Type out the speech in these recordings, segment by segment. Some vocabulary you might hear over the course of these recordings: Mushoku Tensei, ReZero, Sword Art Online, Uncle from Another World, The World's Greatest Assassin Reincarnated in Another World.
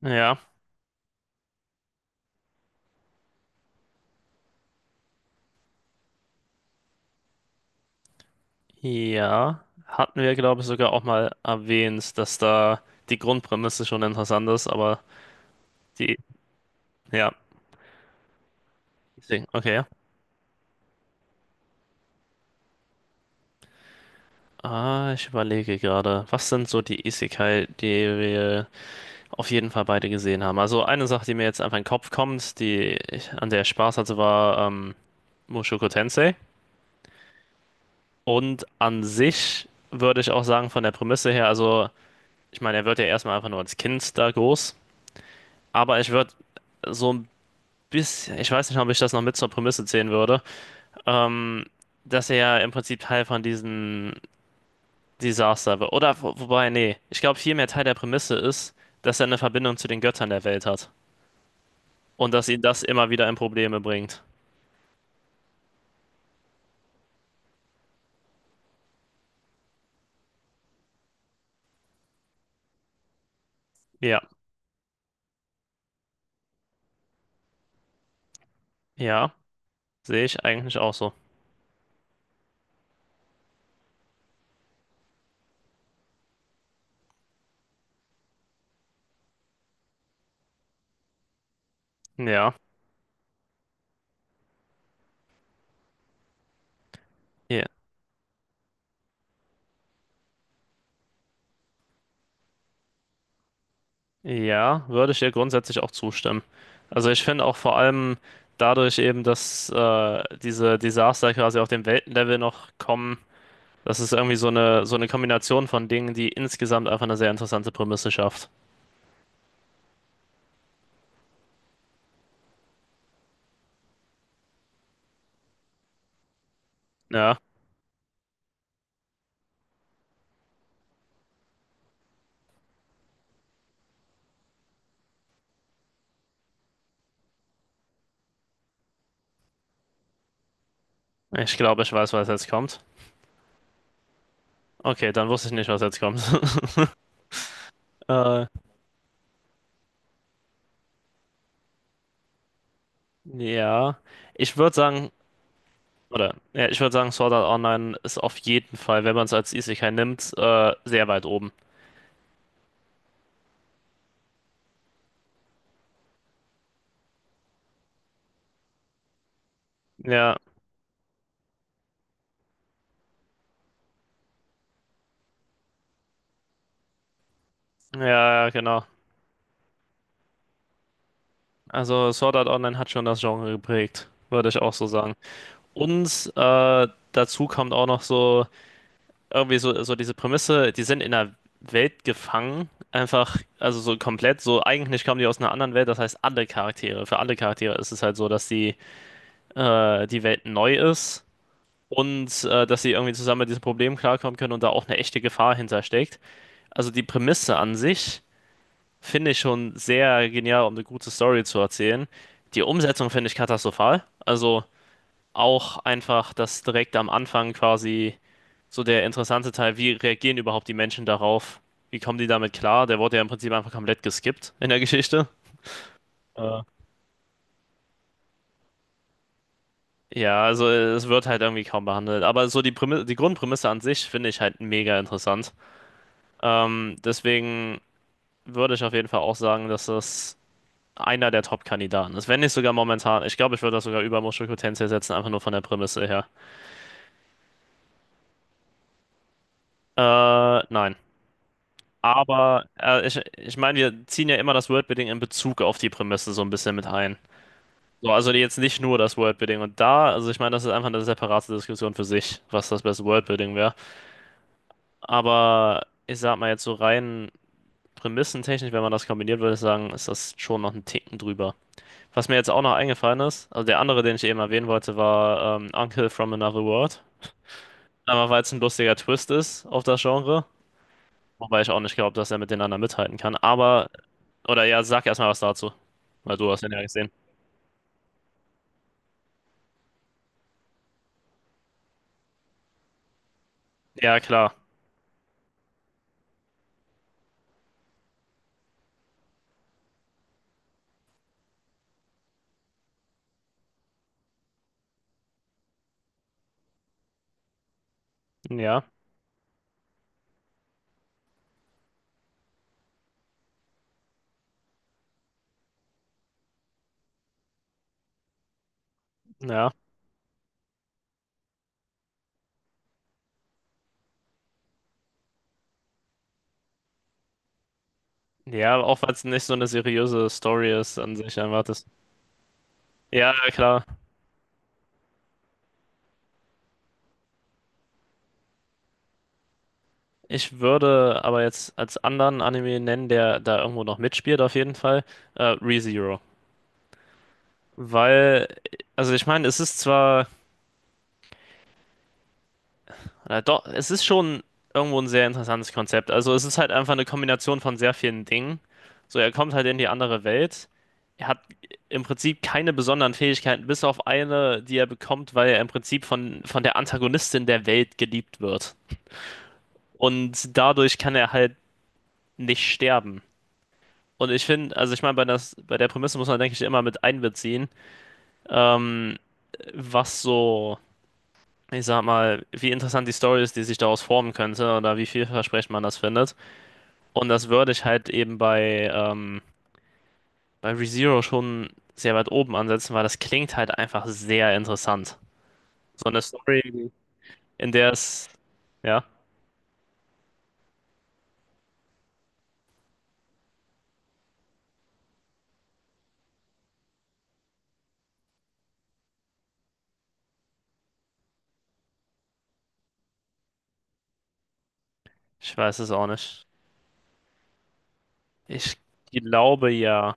Ja, ja. Hatten wir, glaube ich, sogar auch mal erwähnt, dass da die Grundprämisse schon interessant ist, aber die, ja, okay. Ich überlege gerade, was sind so die Isekai, die wir auf jeden Fall beide gesehen haben? Also eine Sache, die mir jetzt einfach in den Kopf kommt, an der ich Spaß hatte, war Mushoku Tensei. Und an sich würde ich auch sagen, von der Prämisse her, also ich meine, er wird ja erstmal einfach nur als Kind da groß, aber ich würde so ein ich weiß nicht, ob ich das noch mit zur Prämisse zählen würde, ähm, dass er ja im Prinzip Teil von diesem Desaster wird. Oder, wobei, nee, ich glaube, vielmehr Teil der Prämisse ist, dass er eine Verbindung zu den Göttern der Welt hat. Und dass ihn das immer wieder in Probleme bringt. Ja, ja, sehe ich eigentlich auch so. Ja, ja, ja, würde ich dir grundsätzlich auch zustimmen. Also ich finde auch vor allem dadurch eben, dass diese Desaster quasi auf dem Weltenlevel noch kommen. Das ist irgendwie so eine Kombination von Dingen, die insgesamt einfach eine sehr interessante Prämisse schafft. Ja, ich glaube, ich weiß, was jetzt kommt. Okay, dann wusste ich nicht, was jetzt kommt. äh, ja, ich würde sagen, ja, ich würde sagen, Sword Art Online ist auf jeden Fall, wenn man es als Isekai nimmt, sehr weit oben. Ja, ja, ja, genau. Also Sword Art Online hat schon das Genre geprägt, würde ich auch so sagen. Und dazu kommt auch noch so diese Prämisse, die sind in einer Welt gefangen, einfach, also so komplett, so eigentlich kommen die aus einer anderen Welt, das heißt alle Charaktere, für alle Charaktere ist es halt so, die Welt neu ist und dass sie irgendwie zusammen mit diesem Problem klarkommen können und da auch eine echte Gefahr hintersteckt. Also die Prämisse an sich finde ich schon sehr genial, um eine gute Story zu erzählen. Die Umsetzung finde ich katastrophal, also auch einfach, dass direkt am Anfang quasi so der interessante Teil, wie reagieren überhaupt die Menschen darauf? Wie kommen die damit klar? Der wurde ja im Prinzip einfach komplett geskippt in der Geschichte. Ja, also es wird halt irgendwie kaum behandelt. Aber so die Prämisse, die Grundprämisse an sich finde ich halt mega interessant. Deswegen würde ich auf jeden Fall auch sagen, dass das einer der Top-Kandidaten ist. Wenn nicht sogar momentan. Ich glaube, ich würde das sogar über Mushoku Tensei setzen, einfach nur von der Prämisse her. Nein. Aber ich meine, wir ziehen ja immer das Worldbuilding in Bezug auf die Prämisse so ein bisschen mit ein. So, also jetzt nicht nur das Worldbuilding. Und da, also ich meine, das ist einfach eine separate Diskussion für sich, was das beste Worldbuilding wäre. Aber ich sag mal jetzt so rein prämissentechnisch, wenn man das kombiniert, würde ich sagen, ist das schon noch einen Ticken drüber. Was mir jetzt auch noch eingefallen ist, also der andere, den ich eben erwähnen wollte, war Uncle from Another World. Einmal, weil es ein lustiger Twist ist auf das Genre. Wobei ich auch nicht glaube, dass er mit den anderen mithalten kann. Aber, oder ja, sag erstmal was dazu. Weil du hast ihn ja gesehen. Ja, klar. Ja, ja. Ja, auch weil es nicht so eine seriöse Story ist an sich einfach das. Ja, klar. Ich würde aber jetzt als anderen Anime nennen, der da irgendwo noch mitspielt, auf jeden Fall, ReZero. Weil, also ich meine, doch, es ist schon irgendwo ein sehr interessantes Konzept. Also es ist halt einfach eine Kombination von sehr vielen Dingen. So, er kommt halt in die andere Welt. Er hat im Prinzip keine besonderen Fähigkeiten, bis auf eine, die er bekommt, weil er im Prinzip von der Antagonistin der Welt geliebt wird. Und dadurch kann er halt nicht sterben. Und ich finde, also ich meine, bei der Prämisse muss man, denke ich, immer mit einbeziehen, ähm, was so, ich sag mal, wie interessant die Story ist, die sich daraus formen könnte oder wie vielversprechend man das findet. Und das würde ich halt eben bei ReZero schon sehr weit oben ansetzen, weil das klingt halt einfach sehr interessant. So eine Story, in der es, ja, ich weiß es auch nicht. Ich glaube ja.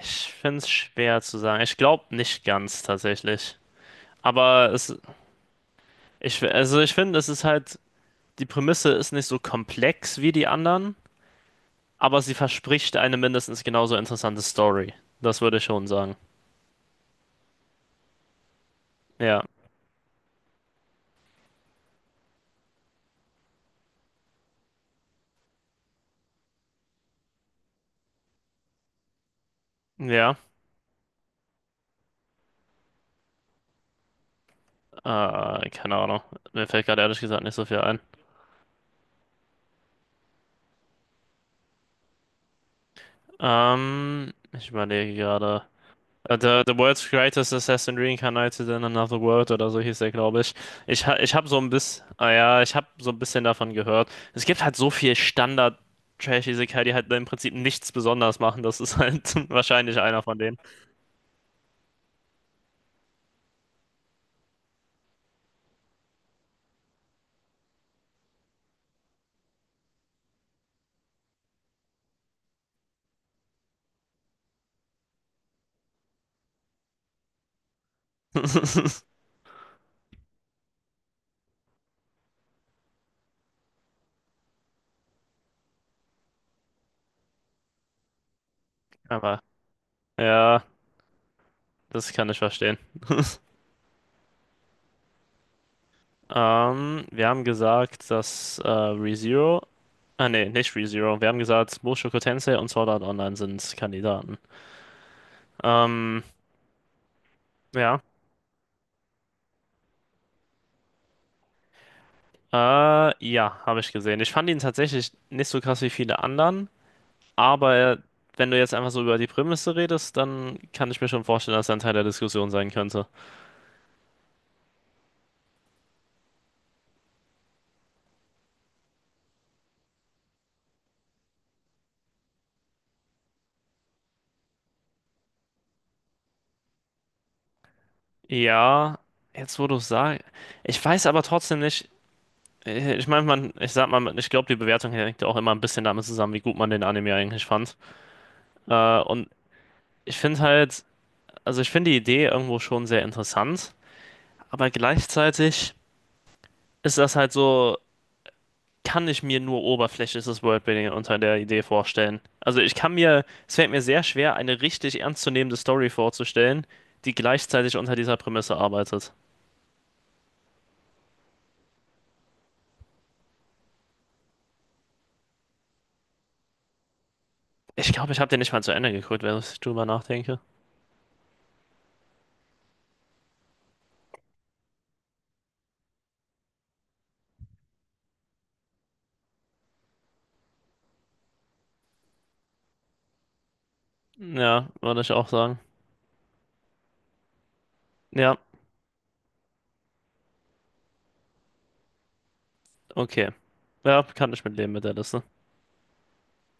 Ich finde es schwer zu sagen. Ich glaube nicht ganz tatsächlich. Aber es, also ich finde, es ist halt, die Prämisse ist nicht so komplex wie die anderen, aber sie verspricht eine mindestens genauso interessante Story. Das würde ich schon sagen. Ja, ja. Keine Ahnung. Mir fällt gerade ehrlich gesagt nicht so viel ein. Ich überlege gerade. The World's Greatest Assassin Reincarnated in Another World oder so hieß der, glaube ich. Ich habe so ein bisschen, ah ja, ich habe so ein bisschen davon gehört. Es gibt halt so viel Standard-Trash-Isekai, die halt im Prinzip nichts besonders machen. Das ist halt wahrscheinlich einer von denen. Aber ja, das kann ich verstehen. Wir haben gesagt, ah nee, nicht ReZero. Wir haben gesagt, Mushoku Tensei und Sword Art Online sind Kandidaten. Ähm, ja. Äh, ja, habe ich gesehen. Ich fand ihn tatsächlich nicht so krass wie viele anderen, aber wenn du jetzt einfach so über die Prämisse redest, dann kann ich mir schon vorstellen, dass er ein Teil der Diskussion sein könnte. Ja, jetzt wo du es sagst, ich weiß aber trotzdem nicht. Ich meine, man, ich sag mal, ich glaube, die Bewertung hängt ja auch immer ein bisschen damit zusammen, wie gut man den Anime eigentlich fand. Und ich finde halt, also ich finde die Idee irgendwo schon sehr interessant, aber gleichzeitig ist das halt so. Kann ich mir nur oberflächliches Worldbuilding unter der Idee vorstellen. Also es fällt mir sehr schwer, eine richtig ernstzunehmende Story vorzustellen, die gleichzeitig unter dieser Prämisse arbeitet. Ich glaube, ich habe den nicht mal zu Ende geguckt, wenn ich drüber nachdenke. Ja, würde ich auch sagen. Ja, okay. Ja, kann ich mitleben mit der Liste.